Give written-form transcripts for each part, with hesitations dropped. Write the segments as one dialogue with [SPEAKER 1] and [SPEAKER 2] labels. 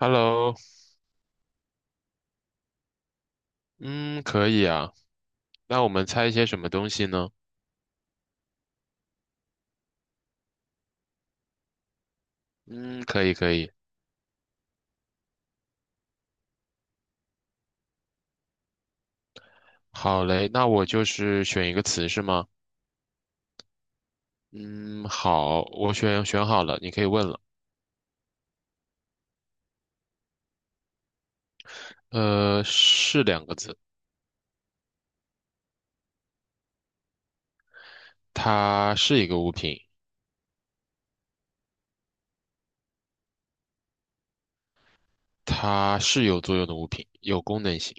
[SPEAKER 1] Hello，嗯，可以啊。那我们猜一些什么东西呢？嗯，可以，可以。好嘞，那我就是选一个词是吗？嗯，好，我选好了，你可以问了。是两个字，它是一个物品，它是有作用的物品，有功能性。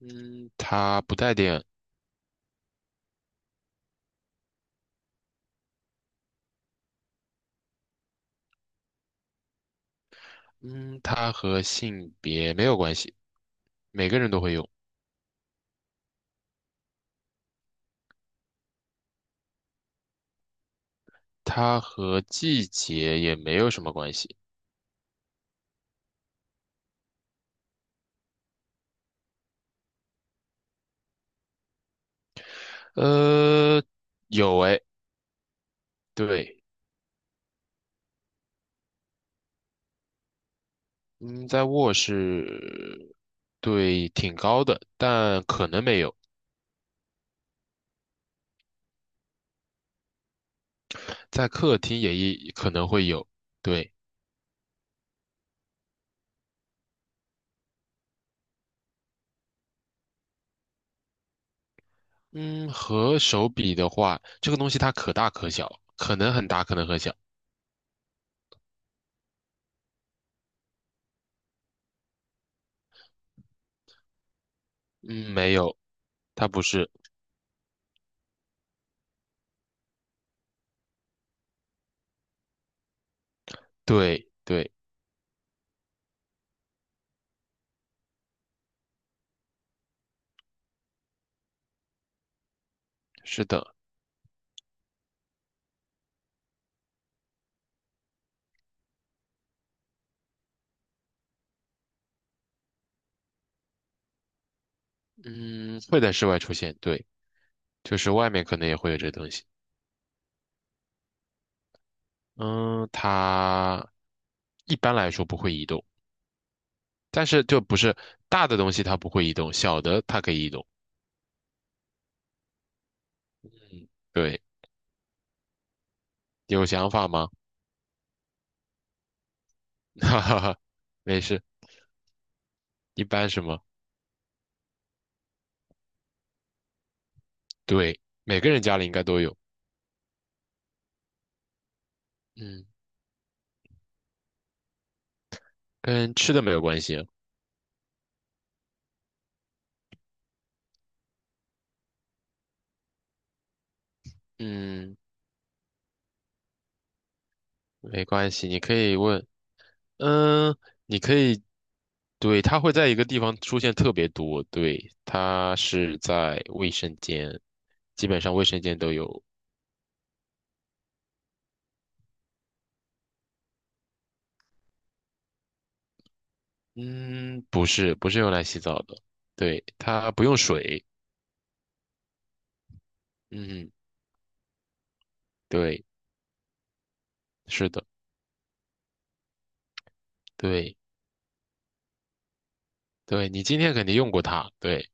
[SPEAKER 1] 嗯，它不带电。嗯，它和性别没有关系，每个人都会用。它和季节也没有什么关系。呃，有诶，对。嗯，在卧室，对，挺高的，但可能没有，在客厅也一可能会有。对，嗯，和手比的话，这个东西它可大可小，可能很大，可能很小。嗯，没有，它不是。对，对，是的。嗯，会在室外出现，对，就是外面可能也会有这东西。嗯，它一般来说不会移动，但是就不是大的东西它不会移动，小的它可以移动。嗯，对。有想法吗？哈哈哈，没事，一般什么？对，每个人家里应该都有。嗯，跟吃的没有关系。嗯，没关系，你可以问。嗯，你可以，对，它会在一个地方出现特别多。对，它是在卫生间，基本上卫生间都有。嗯，不是，不是用来洗澡的。对，它不用水。嗯，对，是的，对，对，你今天肯定用过它。对，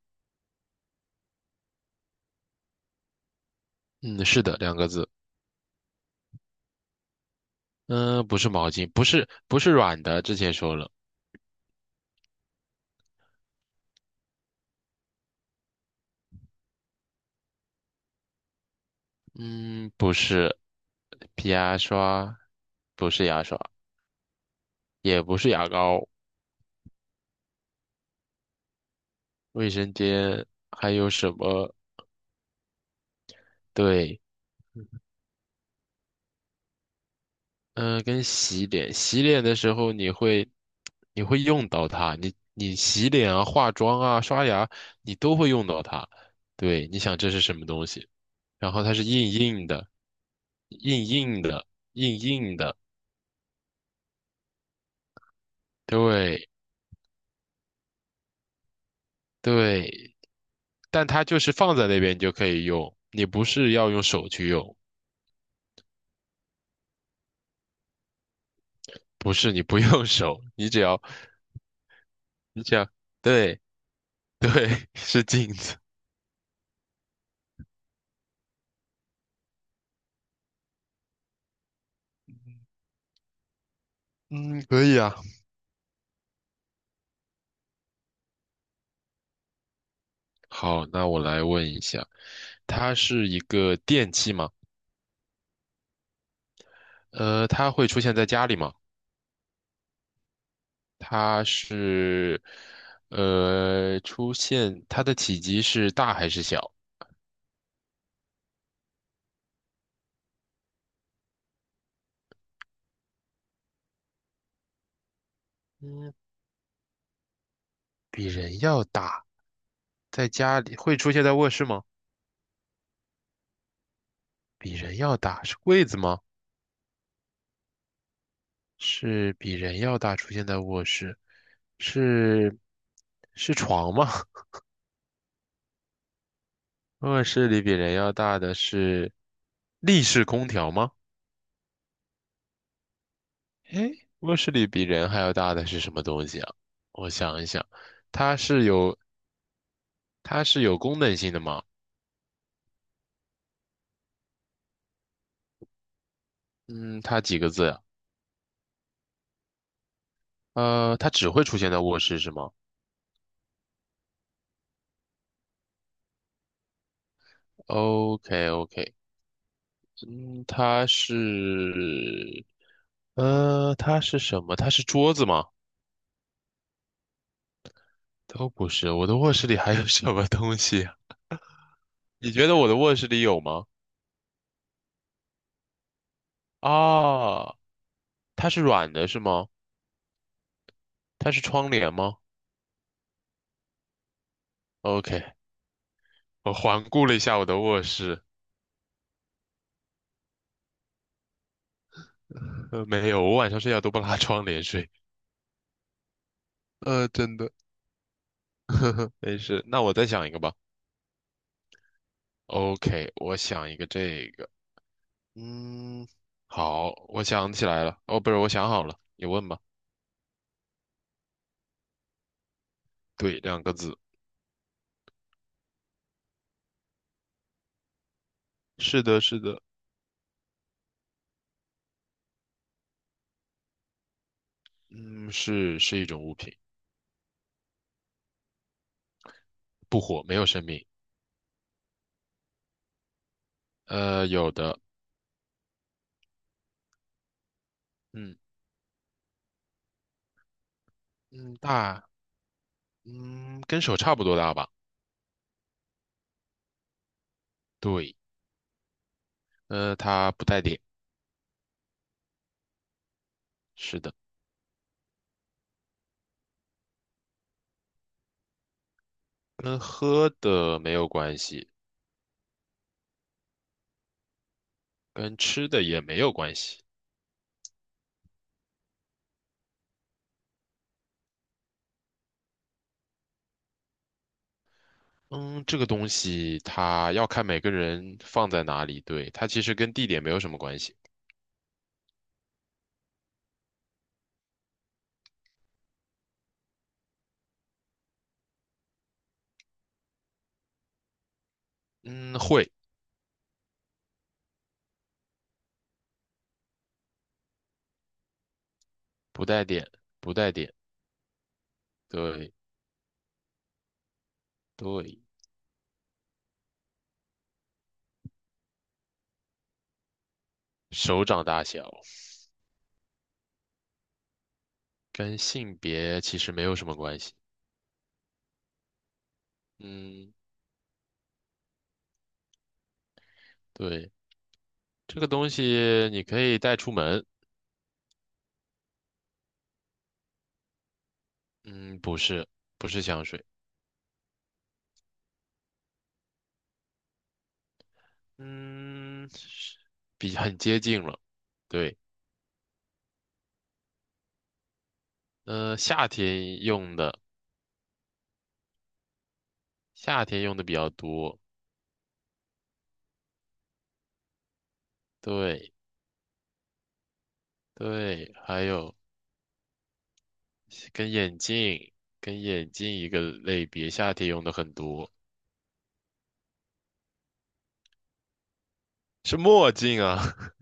[SPEAKER 1] 嗯，是的，两个字。嗯，不是毛巾，不是软的，之前说了，嗯，不是皮牙刷，不是牙刷，也不是牙膏，卫生间还有什么？对，嗯，跟洗脸，洗脸的时候你会用到它，你洗脸啊、化妆啊、刷牙，你都会用到它。对，你想这是什么东西？然后它是硬硬的，硬硬的，硬硬的，对对。但它就是放在那边你就可以用，你不是要用手去用，不是你不用手，你只要对对 是镜子，嗯，可以啊。好，那我来问一下，它是一个电器吗？呃，它会出现在家里吗？它是呃出现它的体积是大还是小？嗯，比人要大，在家里会出现在卧室吗？比人要大，是柜子吗？是比人要大，出现在卧室，是是床吗？卧室里比人要大的是立式空调吗？诶，卧室里比人还要大的是什么东西啊？我想一想，它是有它是有功能性的吗？嗯，它几个字呀？呃，它只会出现在卧室是吗？OK OK，嗯，它是呃，它是什么？它是桌子吗？都不是，我的卧室里还有什么东西啊你觉得我的卧室里有吗？啊，它是软的是吗？它是窗帘吗？OK，我环顾了一下我的卧室，呃，没有，我晚上睡觉都不拉窗帘睡。呃，真的，呵呵，没事。那我再想一个吧。OK，我想一个这个，嗯，好，我想起来了。哦，不是，我想好了，你问吧。对，两个字。是的，是的，嗯，是一种物品，不活，没有生命。呃，有的。嗯。嗯，大，嗯，跟手差不多大吧？对，呃，它不带点，是的，跟喝的没有关系，跟吃的也没有关系。嗯，这个东西它要看每个人放在哪里，对，它其实跟地点没有什么关系。嗯，会，不带点，不带点，对对，手掌大小，跟性别其实没有什么关系。嗯，对，这个东西你可以带出门。嗯，不是，不是香水。嗯，是比很接近了。对，呃，夏天用的，夏天用的比较多。对对，还有跟眼镜，跟眼镜一个类别，夏天用的很多，是墨镜啊。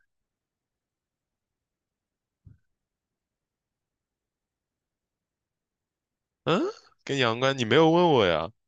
[SPEAKER 1] 嗯，跟阳光，你没有问我呀。